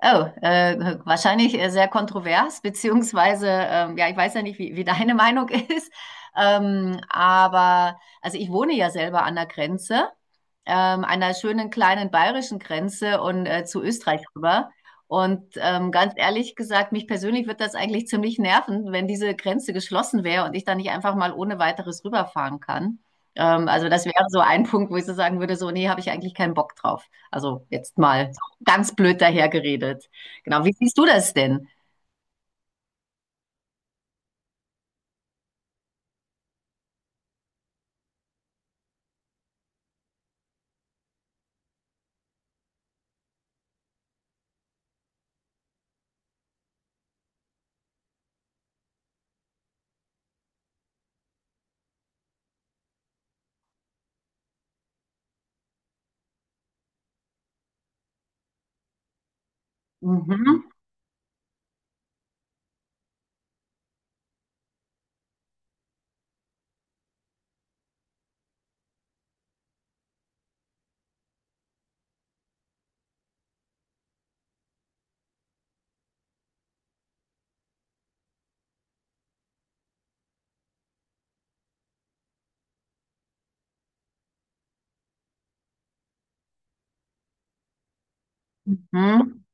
Oh, Wahrscheinlich sehr kontrovers, beziehungsweise, ja, ich weiß ja nicht, wie deine Meinung ist, aber also ich wohne ja selber an der Grenze, einer schönen kleinen bayerischen Grenze und zu Österreich rüber. Ganz ehrlich gesagt, mich persönlich wird das eigentlich ziemlich nerven, wenn diese Grenze geschlossen wäre und ich dann nicht einfach mal ohne weiteres rüberfahren kann. Also das wäre so ein Punkt, wo ich so sagen würde, so, nee, habe ich eigentlich keinen Bock drauf. Also jetzt mal ganz blöd dahergeredet. Genau, wie siehst du das denn? Mhm. Mhm.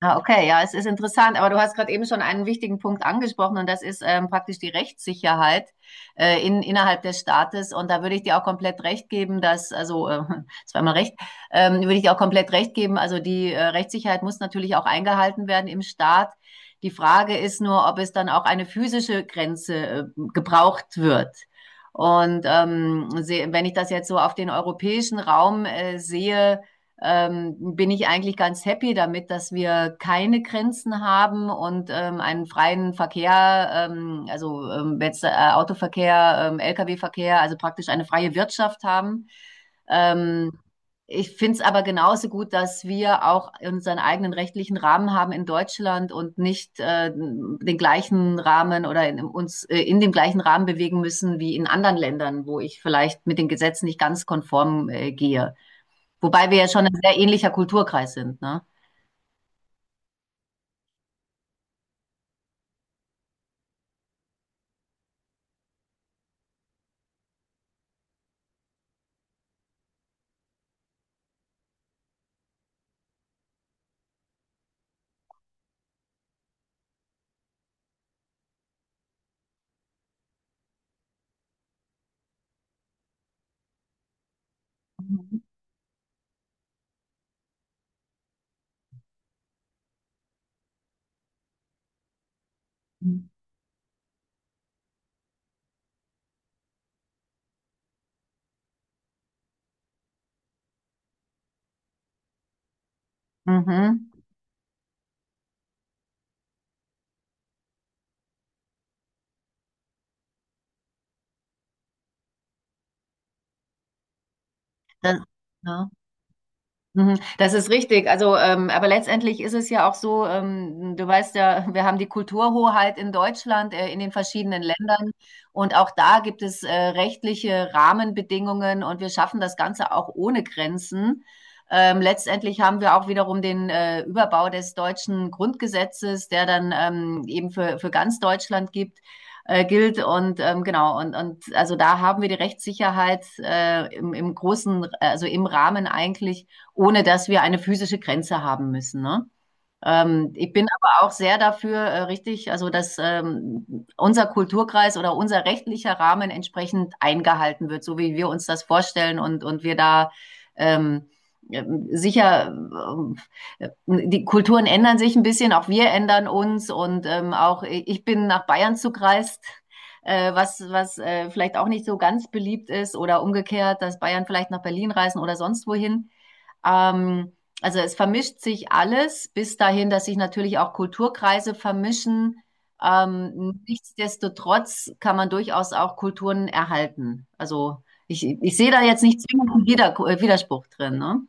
Ah, okay, ja, es ist interessant, aber du hast gerade eben schon einen wichtigen Punkt angesprochen und das ist praktisch die Rechtssicherheit innerhalb des Staates, und da würde ich dir auch komplett recht geben, dass, zweimal recht, würde ich dir auch komplett recht geben, also die Rechtssicherheit muss natürlich auch eingehalten werden im Staat. Die Frage ist nur, ob es dann auch eine physische Grenze gebraucht wird. Wenn ich das jetzt so auf den europäischen Raum sehe, bin ich eigentlich ganz happy damit, dass wir keine Grenzen haben und einen freien Verkehr, Autoverkehr, Lkw-Verkehr, also praktisch eine freie Wirtschaft haben. Ähm, Ich finde es aber genauso gut, dass wir auch unseren eigenen rechtlichen Rahmen haben in Deutschland und nicht den gleichen Rahmen oder in dem gleichen Rahmen bewegen müssen wie in anderen Ländern, wo ich vielleicht mit den Gesetzen nicht ganz konform gehe. Wobei wir ja schon ein sehr ähnlicher Kulturkreis sind, ne? Mhm. Mhm. Das, ja. Mhm. Das ist richtig. Also, aber letztendlich ist es ja auch so, du weißt ja, wir haben die Kulturhoheit in Deutschland, in den verschiedenen Ländern. Und auch da gibt es rechtliche Rahmenbedingungen, und wir schaffen das Ganze auch ohne Grenzen. Letztendlich haben wir auch wiederum den Überbau des deutschen Grundgesetzes, der dann eben für ganz Deutschland gibt. Gilt. Und da haben wir die Rechtssicherheit im großen, also im Rahmen eigentlich, ohne dass wir eine physische Grenze haben müssen. Ne? Ich bin aber auch sehr dafür, richtig, also dass unser Kulturkreis oder unser rechtlicher Rahmen entsprechend eingehalten wird, so wie wir uns das vorstellen, und wir da ähm, äh, sicher, die Kulturen ändern sich ein bisschen, auch wir ändern uns, und auch ich bin nach Bayern zugereist, was vielleicht auch nicht so ganz beliebt ist, oder umgekehrt, dass Bayern vielleicht nach Berlin reisen oder sonst wohin. Ähm, also es vermischt sich alles, bis dahin, dass sich natürlich auch Kulturkreise vermischen. Nichtsdestotrotz kann man durchaus auch Kulturen erhalten. Ich sehe da jetzt nicht zwingend einen Widerspruch drin, ne?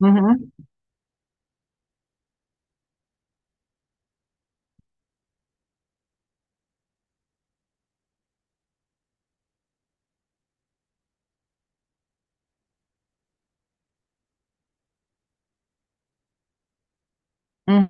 Mhm. Mhm.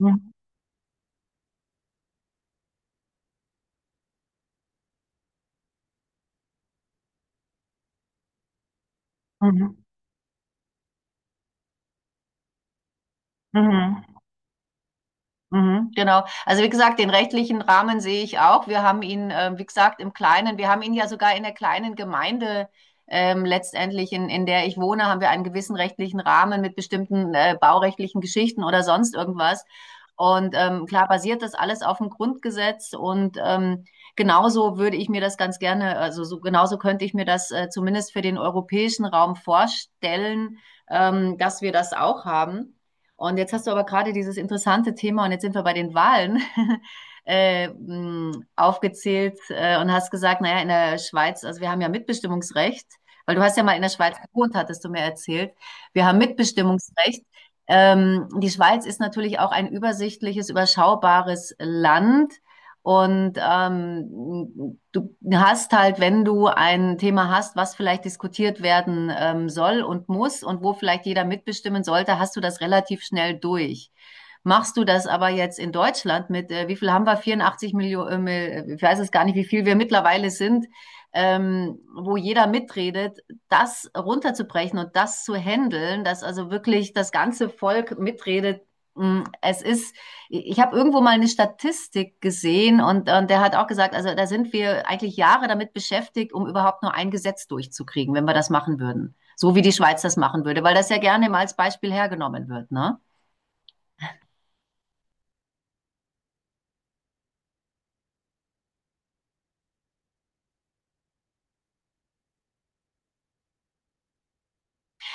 Mhm. Mhm. Mhm. Mhm, genau. Also wie gesagt, den rechtlichen Rahmen sehe ich auch. Wir haben ihn, wie gesagt, im Kleinen, wir haben ihn ja sogar in der kleinen Gemeinde letztendlich, in der ich wohne, haben wir einen gewissen rechtlichen Rahmen mit bestimmten baurechtlichen Geschichten oder sonst irgendwas. Klar basiert das alles auf dem Grundgesetz, und genauso würde ich mir das ganz gerne, also so, genauso könnte ich mir das zumindest für den europäischen Raum vorstellen, dass wir das auch haben. Und jetzt hast du aber gerade dieses interessante Thema, und jetzt sind wir bei den Wahlen, aufgezählt und hast gesagt, naja, in der Schweiz, also wir haben ja Mitbestimmungsrecht, weil du hast ja mal in der Schweiz gewohnt, hattest du mir erzählt. Wir haben Mitbestimmungsrecht. Die Schweiz ist natürlich auch ein übersichtliches, überschaubares Land. Du hast halt, wenn du ein Thema hast, was vielleicht diskutiert werden soll und muss und wo vielleicht jeder mitbestimmen sollte, hast du das relativ schnell durch. Machst du das aber jetzt in Deutschland mit, wie viel haben wir? 84 Millionen, ich weiß es gar nicht, wie viel wir mittlerweile sind, wo jeder mitredet, das runterzubrechen und das zu handeln, dass also wirklich das ganze Volk mitredet. Es ist, ich habe irgendwo mal eine Statistik gesehen, und der hat auch gesagt, also da sind wir eigentlich Jahre damit beschäftigt, um überhaupt nur ein Gesetz durchzukriegen, wenn wir das machen würden. So wie die Schweiz das machen würde, weil das ja gerne mal als Beispiel hergenommen wird, ne?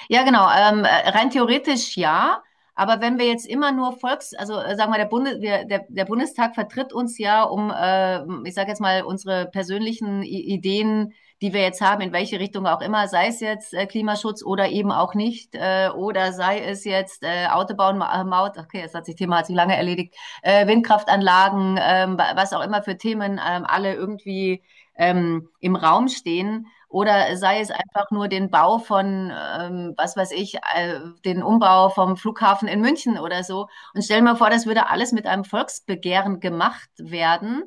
Ja, genau. Rein theoretisch ja. Aber wenn wir jetzt immer nur Volks, sagen wir, der Bundestag vertritt uns ja um, ich sage jetzt mal, unsere persönlichen I Ideen, die wir jetzt haben, in welche Richtung auch immer, sei es jetzt Klimaschutz oder eben auch nicht, oder sei es jetzt Autobahn, Maut, okay, das hat sich Thema hat sich lange erledigt, Windkraftanlagen, was auch immer für Themen alle irgendwie im Raum stehen, oder sei es einfach nur den Bau von, was weiß ich, den Umbau vom Flughafen in München oder so. Und stell mir vor, das würde alles mit einem Volksbegehren gemacht werden.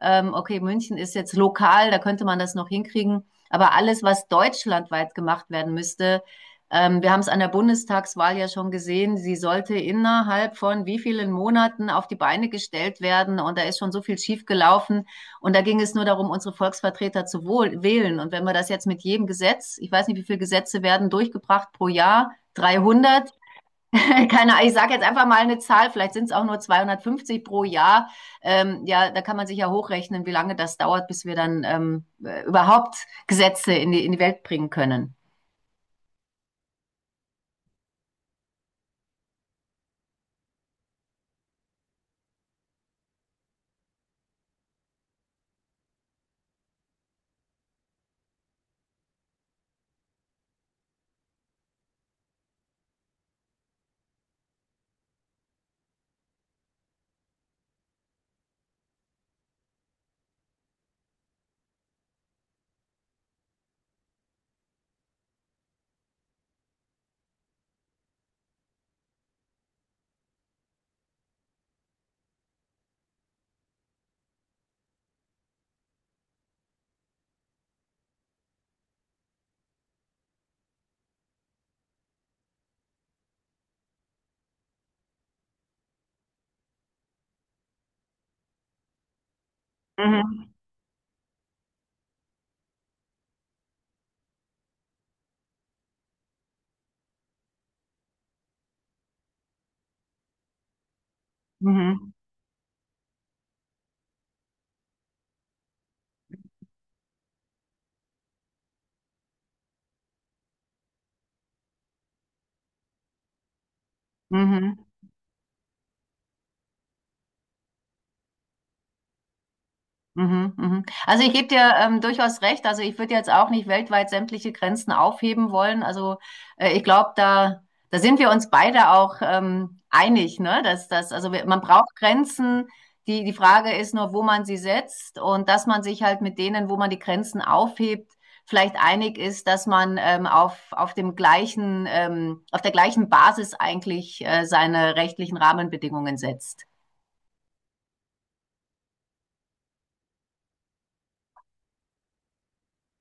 Okay, München ist jetzt lokal, da könnte man das noch hinkriegen. Aber alles, was deutschlandweit gemacht werden müsste, wir haben es an der Bundestagswahl ja schon gesehen, sie sollte innerhalb von wie vielen Monaten auf die Beine gestellt werden. Und da ist schon so viel schiefgelaufen. Und da ging es nur darum, unsere Volksvertreter zu wählen. Und wenn wir das jetzt mit jedem Gesetz, ich weiß nicht, wie viele Gesetze werden durchgebracht pro Jahr, 300, keine Ahnung, ich sage jetzt einfach mal eine Zahl, vielleicht sind es auch nur 250 pro Jahr. Ja, da kann man sich ja hochrechnen, wie lange das dauert, bis wir dann überhaupt Gesetze in die Welt bringen können. Mhm. Mhm. Mhm. Mhm, mhm. Also ich gebe dir durchaus recht. Also ich würde jetzt auch nicht weltweit sämtliche Grenzen aufheben wollen. Ich glaube, da sind wir uns beide auch einig, ne? Dass das, also wir, man braucht Grenzen. Die Frage ist nur, wo man sie setzt und dass man sich halt mit denen, wo man die Grenzen aufhebt, vielleicht einig ist, dass man auf dem gleichen, auf der gleichen Basis eigentlich seine rechtlichen Rahmenbedingungen setzt.